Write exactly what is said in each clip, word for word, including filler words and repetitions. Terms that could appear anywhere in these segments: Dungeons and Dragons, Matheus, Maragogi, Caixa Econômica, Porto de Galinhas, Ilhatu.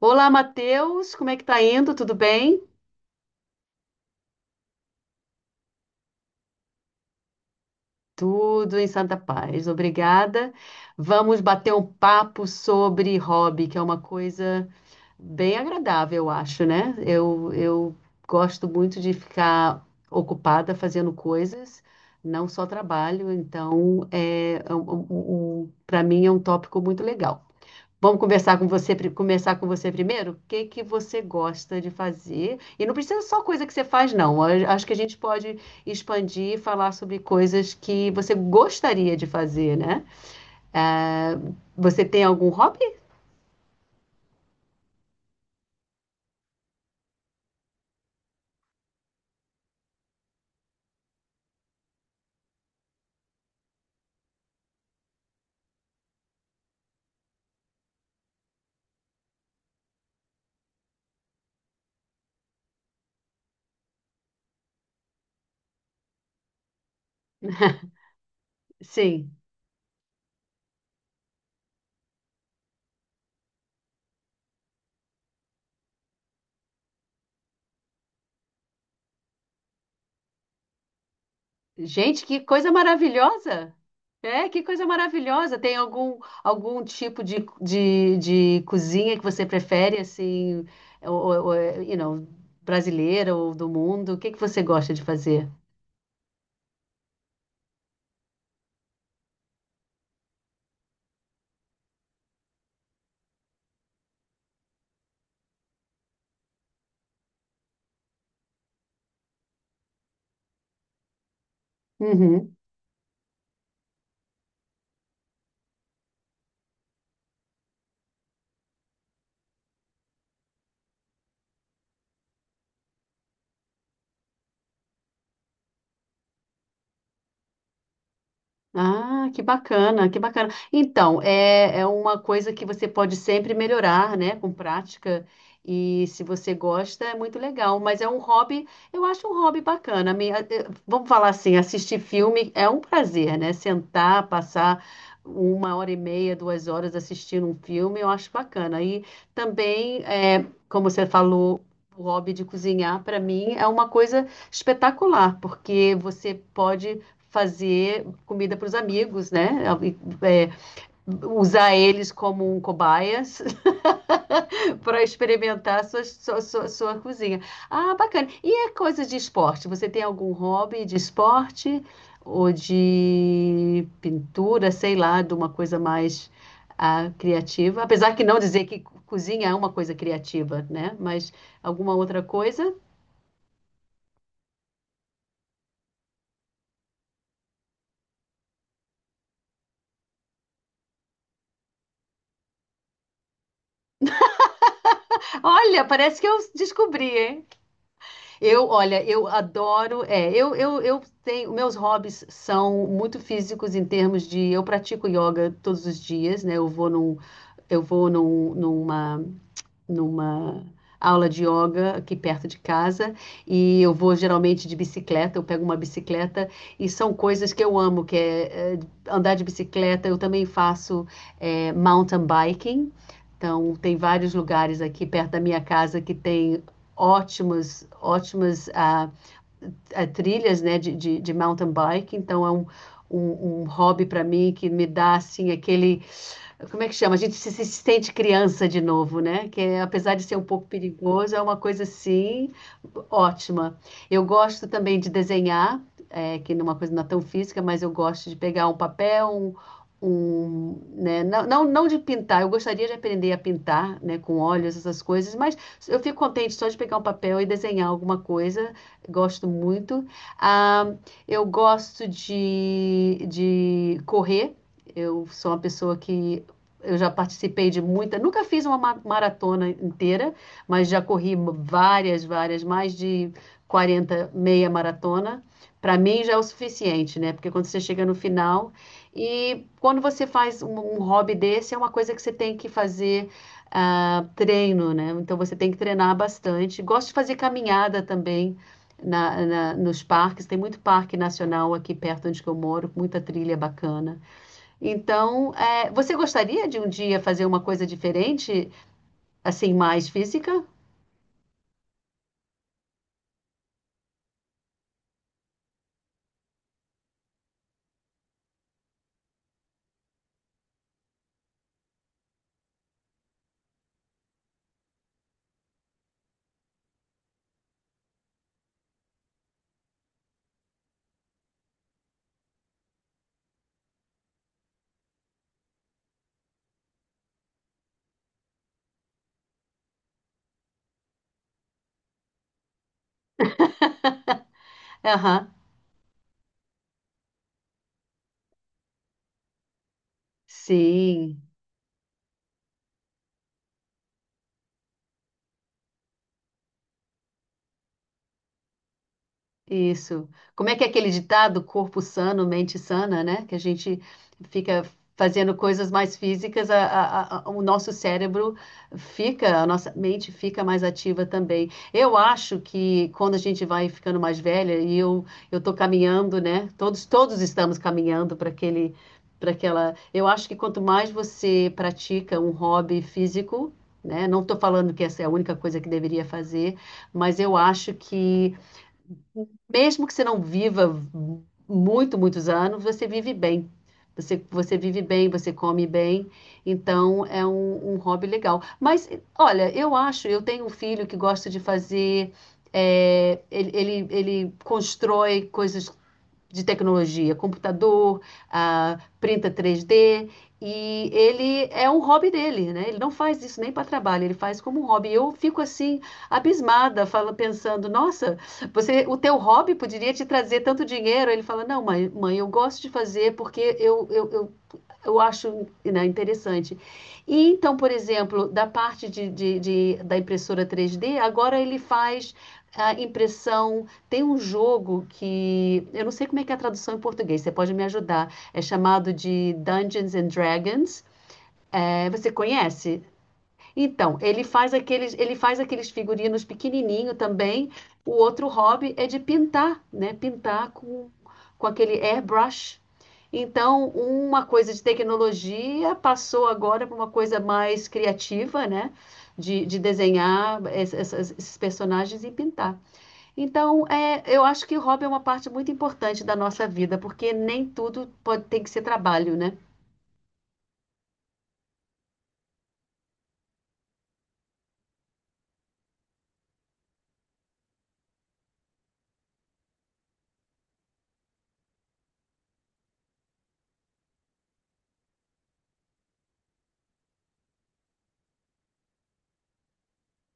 Olá, Matheus, como é que tá indo? Tudo bem? Tudo em santa paz, obrigada. Vamos bater um papo sobre hobby, que é uma coisa bem agradável, eu acho, né? Eu, eu gosto muito de ficar ocupada fazendo coisas, não só trabalho, então é, para mim é um tópico muito legal. Vamos conversar com você, pri- começar com você primeiro? O que que você gosta de fazer? E não precisa só coisa que você faz, não. A- Acho que a gente pode expandir e falar sobre coisas que você gostaria de fazer, né? Ah, você tem algum hobby? Sim. Gente, que coisa maravilhosa! É, que coisa maravilhosa! Tem algum, algum tipo de, de, de cozinha que você prefere, assim, ou, ou, ou, you know, brasileira ou do mundo? O que que você gosta de fazer? Uhum. Ah, que bacana, que bacana. Então, é, é uma coisa que você pode sempre melhorar, né, com prática. E se você gosta, é muito legal. Mas é um hobby, eu acho um hobby bacana. Me- eh, Vamos falar assim, assistir filme é um prazer, né? Sentar, passar uma hora e meia, duas horas assistindo um filme, eu acho bacana. E também, eh, como você falou, o hobby de cozinhar, para mim, é uma coisa espetacular, porque você pode fazer comida para os amigos, né? É, usar eles como um cobaias para experimentar sua, sua, sua, sua, cozinha. Ah, bacana. E é coisa de esporte? Você tem algum hobby de esporte ou de pintura, sei lá, de uma coisa mais ah, criativa? Apesar que não dizer que cozinha é uma coisa criativa, né? Mas alguma outra coisa? Olha, parece que eu descobri, hein? Eu, olha, eu adoro. É, eu, eu, eu tenho. Meus hobbies são muito físicos em termos de. Eu pratico yoga todos os dias, né? Eu vou num, eu vou num, numa numa aula de yoga aqui perto de casa e eu vou geralmente de bicicleta, eu pego uma bicicleta e são coisas que eu amo, que é, é andar de bicicleta, eu também faço é, mountain biking, então tem vários lugares aqui perto da minha casa que tem ótimos, ótimas ah, é, trilhas né, de, de, de, mountain bike, então é um, um, um hobby para mim que me dá assim aquele. Como é que chama? A gente se, se sente criança de novo, né? Que é, apesar de ser um pouco perigoso, é uma coisa assim ótima. Eu gosto também de desenhar, é, que não é uma coisa não é tão física, mas eu gosto de pegar um papel, um, um, né, não, não, não de pintar, eu gostaria de aprender a pintar, né, com óleos essas coisas, mas eu fico contente só de pegar um papel e desenhar alguma coisa, gosto muito. Ah, eu gosto de, de correr. Eu sou uma pessoa que eu já participei de muita, nunca fiz uma ma- maratona inteira, mas já corri várias, várias, mais de quarenta meia maratona. Para mim já é o suficiente, né? Porque quando você chega no final e quando você faz um, um hobby desse, é uma coisa que você tem que fazer ah, treino, né? Então você tem que treinar bastante. Gosto de fazer caminhada também na, na- nos parques. Tem muito parque nacional aqui perto onde que eu moro, muita trilha bacana. Então, é, você gostaria de um dia fazer uma coisa diferente, assim, mais física? Aham, sim. Isso. Como é que é aquele ditado, corpo sano, mente sana, né? Que a gente fica fazendo coisas mais físicas, a- a- a- o nosso cérebro fica, a nossa mente fica mais ativa também. Eu acho que quando a gente vai ficando mais velha, e eu eu tô caminhando, né? Todos todos estamos caminhando para aquele para aquela. Eu acho que quanto mais você pratica um hobby físico, né? Não estou falando que essa é a única coisa que deveria fazer, mas eu acho que mesmo que você não viva muito, muitos anos, você vive bem. Você, você vive bem, você come bem, então é um, um hobby legal. Mas, olha, eu acho, eu tenho um filho que gosta de fazer, é, ele, ele, ele constrói coisas de tecnologia, computador, ah, printa três D, e ele é um hobby dele, né? Ele não faz isso nem para trabalho, ele faz como um hobby. Eu fico assim abismada, fala, pensando, nossa, você, o teu hobby poderia te trazer tanto dinheiro. Ele fala, não, mãe, mãe, eu gosto de fazer porque eu, eu, eu eu acho, né, interessante. E então, por exemplo, da parte de, de- de- da impressora três D, agora ele faz a impressão. Tem um jogo que eu não sei como é que é a tradução em português. Você pode me ajudar? É chamado de Dungeons and Dragons. É, você conhece? Então, ele faz aqueles, ele faz aqueles figurinos pequenininho também. O outro hobby é de pintar, né? Pintar com, com aquele airbrush. Então, uma coisa de tecnologia passou agora para uma coisa mais criativa, né? De, de desenhar es- essas- esses personagens e pintar. Então, é, eu acho que o hobby é uma parte muito importante da nossa vida, porque nem tudo pode, tem que ser trabalho, né?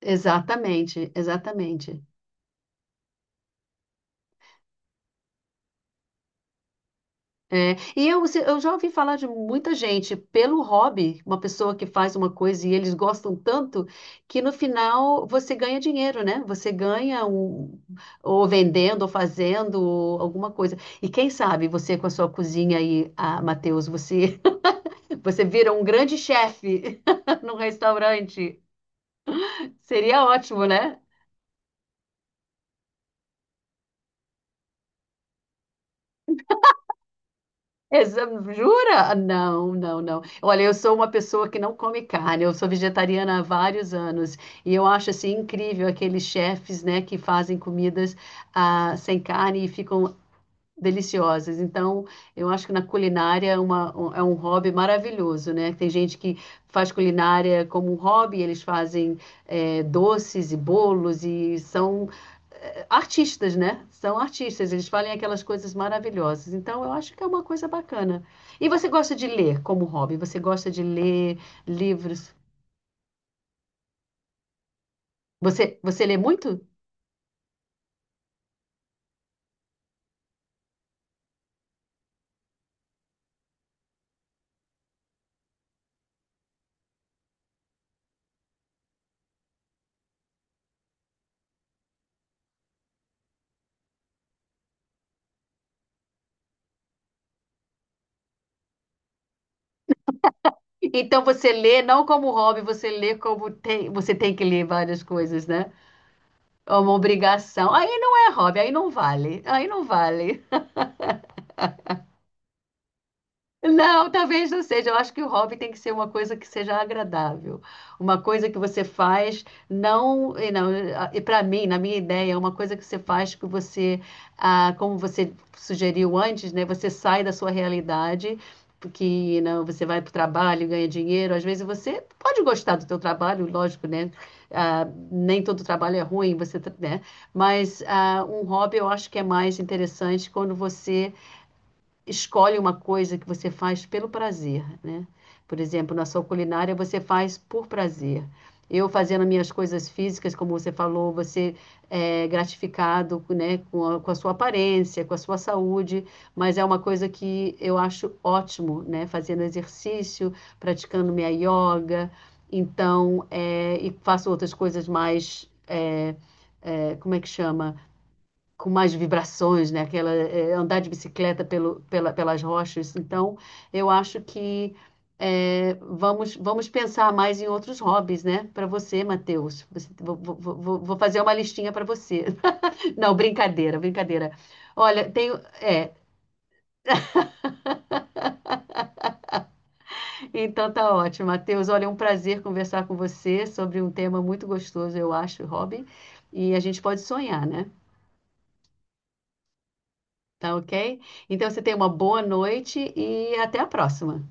Exatamente, exatamente. É, e eu, se- eu já ouvi falar de muita gente, pelo hobby, uma pessoa que faz uma coisa e eles gostam tanto, que no final você ganha dinheiro, né? Você ganha um, ou vendendo, ou fazendo, ou alguma coisa. E quem sabe você com a sua cozinha aí, ah, Matheus, você, você vira um grande chefe num restaurante. Seria ótimo, né? Exa- Jura? Não, não, não. Olha, eu sou uma pessoa que não come carne, eu sou vegetariana há vários anos e eu acho assim incrível aqueles chefes, né, que fazem comidas ah, sem carne e ficam deliciosas. Então, eu acho que na culinária é, uma- um- é um hobby maravilhoso, né? Tem gente que faz culinária como um hobby, eles fazem eh, doces e bolos e são artistas, né? São artistas, eles falam aquelas coisas maravilhosas. Então, eu acho que é uma coisa bacana. E você gosta de ler como hobby? Você gosta de ler livros? Você, você lê muito? Então, você lê não como hobby, você lê como tem, você tem que ler várias coisas, né? É uma obrigação. Aí não é hobby, aí não vale. Aí não vale. Não, talvez não seja. Eu acho que o hobby tem que ser uma coisa que seja agradável, uma coisa que você faz não e não e para mim, na minha ideia, é uma coisa que você faz que você, ah, como você sugeriu antes, né? Você sai da sua realidade, porque não, você vai para o trabalho, e ganha dinheiro. Às vezes você pode gostar do teu trabalho, lógico, né? Ah, nem todo trabalho é ruim, você, tra- né? Mas ah, um hobby eu acho que é mais interessante quando você escolhe uma coisa que você faz pelo prazer, né? Por exemplo, na sua culinária você faz por prazer. Eu fazendo minhas coisas físicas, como você falou, você é gratificado, né, com a, com a sua aparência, com a sua saúde, mas é uma coisa que eu acho ótimo, né? Fazendo exercício, praticando minha yoga, então, é, e faço outras coisas mais, é, é, como é que chama? Com mais vibrações, né? Aquela, é, andar de bicicleta pelo, pela, pelas rochas. Então, eu acho que é, vamos, vamos pensar mais em outros hobbies, né? Para você, Matheus. Você- Vou, vou- vou- vou fazer uma listinha para você. Não, brincadeira, brincadeira. Olha, tenho. É, então tá ótimo, Matheus. Olha, é um prazer conversar com você sobre um tema muito gostoso, eu acho, hobby. E a gente pode sonhar, né? Tá ok? Então você tem uma boa noite e até a próxima.